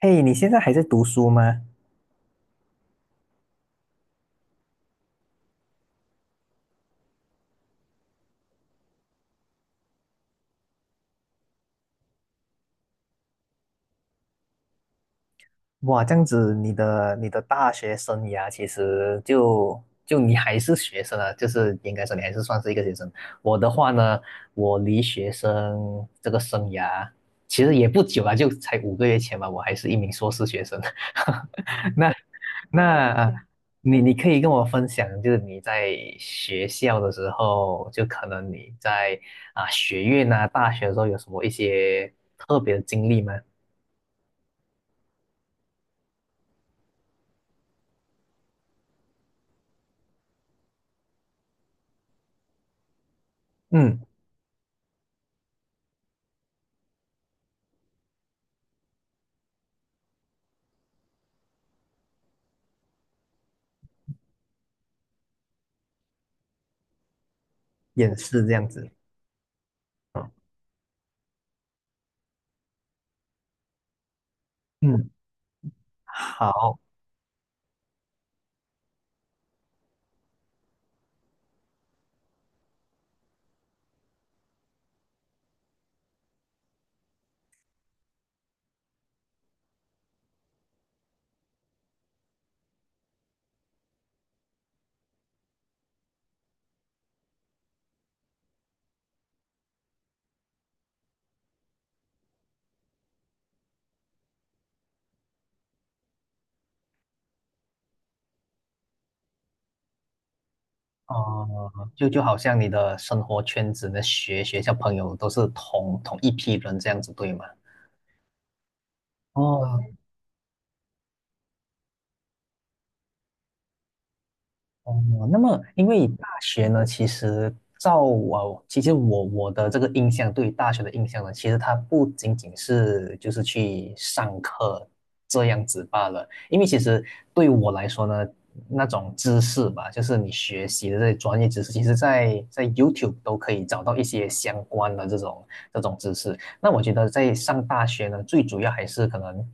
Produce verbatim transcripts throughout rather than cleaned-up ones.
嘿，你现在还在读书吗？哇，这样子，你的你的大学生涯其实就就你还是学生啊，就是应该说你还是算是一个学生。我的话呢，我离学生这个生涯其实也不久啊，就才五个月前吧，我还是一名硕士学生。那那呃你你可以跟我分享，就是你在学校的时候，就可能你在啊学院啊大学的时候有什么一些特别的经历吗？嗯。掩饰这样子。嗯，好。哦，就就好像你的生活圈子、你的学学校朋友都是同同一批人这样子，对吗？哦。哦，那么因为大学呢，其实照我，其实我我的这个印象，对于大学的印象呢，其实它不仅仅是就是去上课这样子罢了。因为其实对我来说呢，那种知识吧，就是你学习的这些专业知识，其实在在 YouTube 都可以找到一些相关的这种这种知识。那我觉得在上大学呢，最主要还是可能，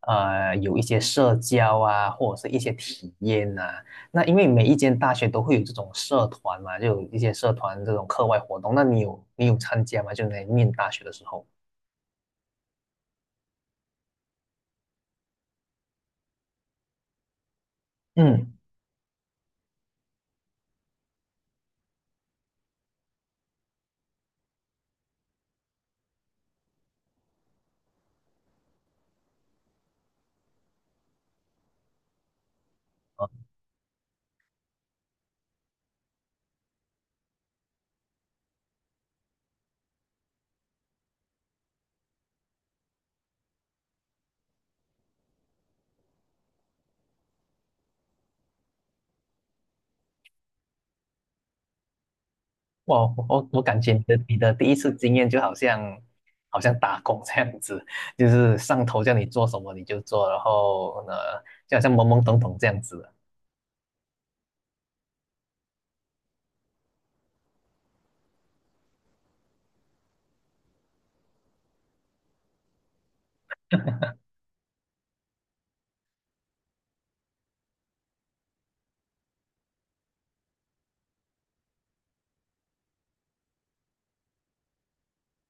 呃，有一些社交啊，或者是一些体验呐、那因为每一间大学都会有这种社团嘛，就有一些社团这种课外活动。那你有你有参加吗？就你在念大学的时候。嗯。啊。哇，我我我感觉你的你的第一次经验就好像好像打工这样子，就是上头叫你做什么你就做，然后呢就好像懵懵懂懂这样子。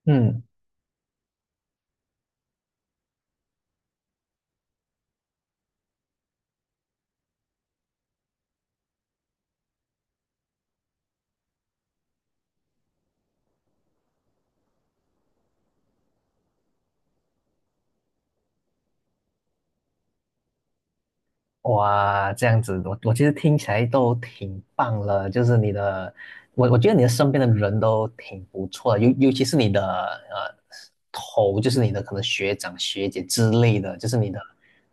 嗯。哇，这样子，我我其实听起来都挺棒了，就是你的，我我觉得你的身边的人都挺不错的，尤尤其是你的呃头，就是你的可能学长学姐之类的，就是你的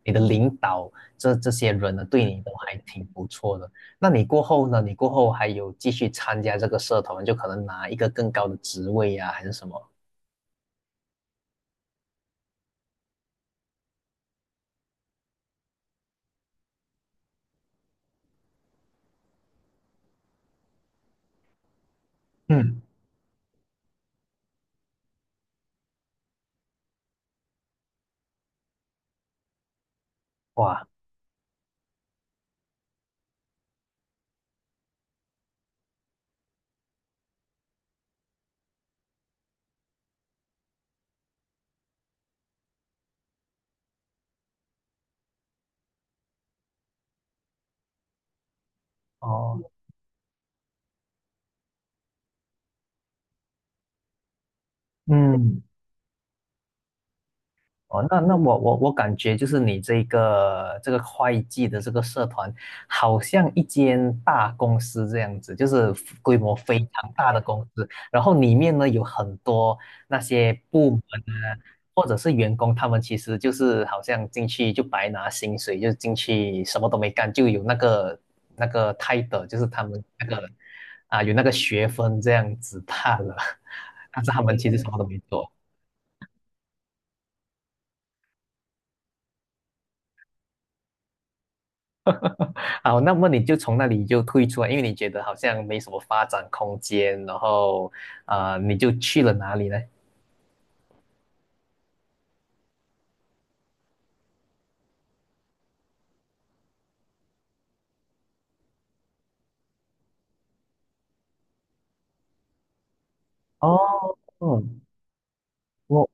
你的领导这这些人呢，对你都还挺不错的。那你过后呢？你过后还有继续参加这个社团，就可能拿一个更高的职位呀、还是什么？嗯。哇。哦。嗯。哦，那那我我我感觉就是你这个这个会计的这个社团，好像一间大公司这样子，就是规模非常大的公司，然后里面呢有很多那些部门啊，或者是员工，他们其实就是好像进去就白拿薪水，就进去什么都没干，就有那个那个 title，就是他们那个啊有那个学分这样子罢了，但是他们其实什么都没做。好，那么你就从那里就退出来，因为你觉得好像没什么发展空间，然后啊、呃你就去了哪里呢？哦，我。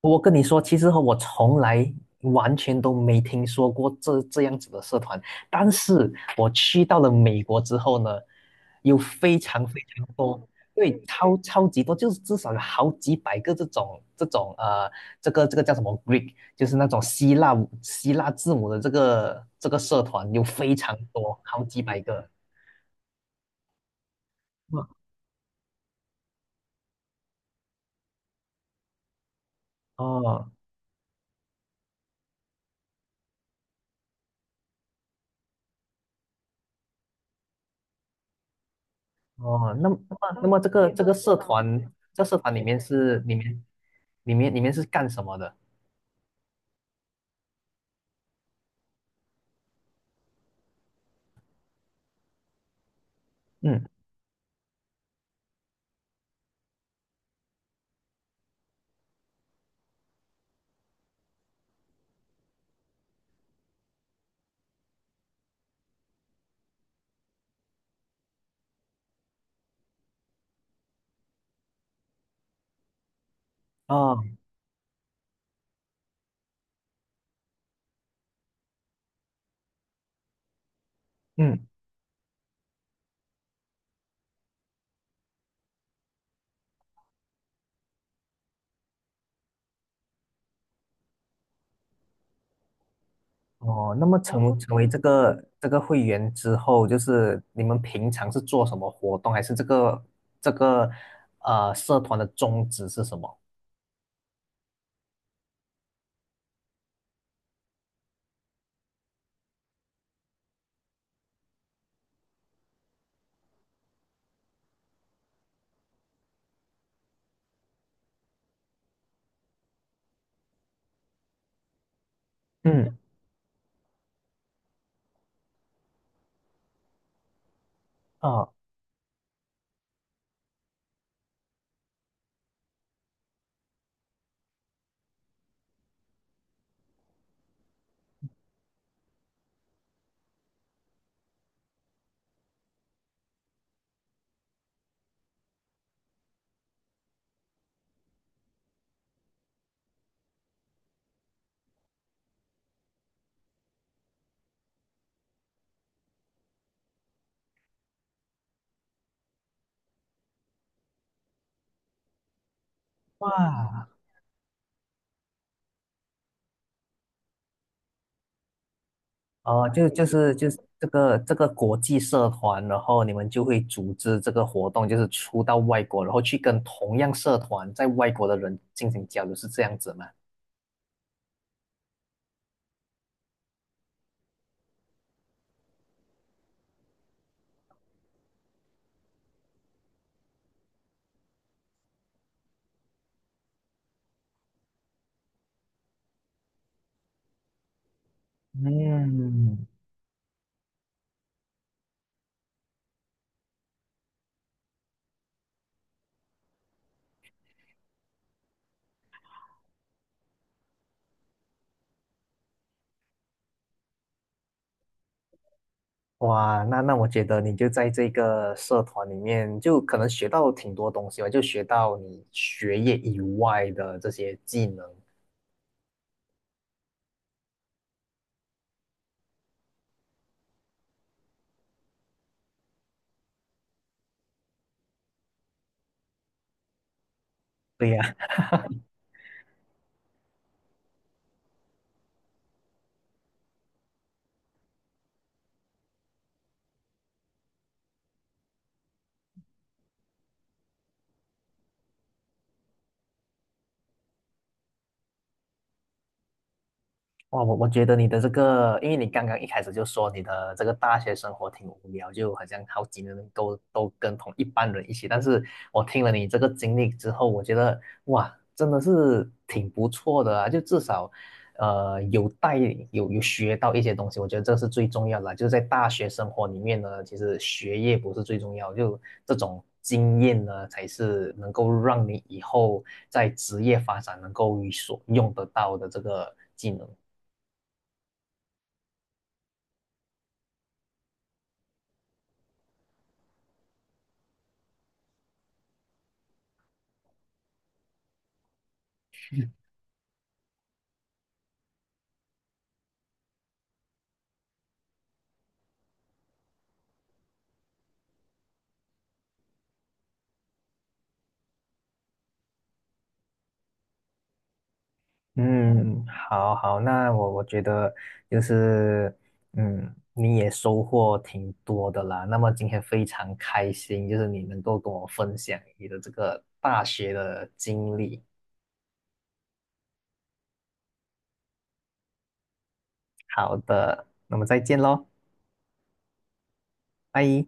我跟你说，其实我从来完全都没听说过这这样子的社团，但是我去到了美国之后呢，有非常非常多，对，超超级多，就是至少有好几百个这种这种呃，这个这个叫什么 Greek，就是那种希腊希腊字母的这个这个社团有非常多，好几百个。哇。哦。哦，那么那么那么这个这个社团，这社团里面是里面里面里面是干什么的？嗯。哦。嗯。哦，那么成成为这个这个会员之后，就是你们平常是做什么活动，还是这个这个呃社团的宗旨是什么？嗯。哦。哇。哦，就就是就是这个这个国际社团，然后你们就会组织这个活动，就是出到外国，然后去跟同样社团在外国的人进行交流，是这样子吗？嗯。哇，那那我觉得你就在这个社团里面，就可能学到挺多东西吧，就学到你学业以外的这些技能。对呀。哇，我我觉得你的这个，因为你刚刚一开始就说你的这个大学生活挺无聊，就好像好几年都都跟同一班人一起。但是我听了你这个经历之后，我觉得哇，真的是挺不错的啊！就至少，呃，有带有有学到一些东西，我觉得这是最重要的啊。就是在大学生活里面呢，其实学业不是最重要，就这种经验呢，才是能够让你以后在职业发展能够有所用得到的这个技能。嗯，好好，那我我觉得就是，嗯，你也收获挺多的啦。那么今天非常开心，就是你能够跟我分享你的这个大学的经历。好的，那么再见喽，拜。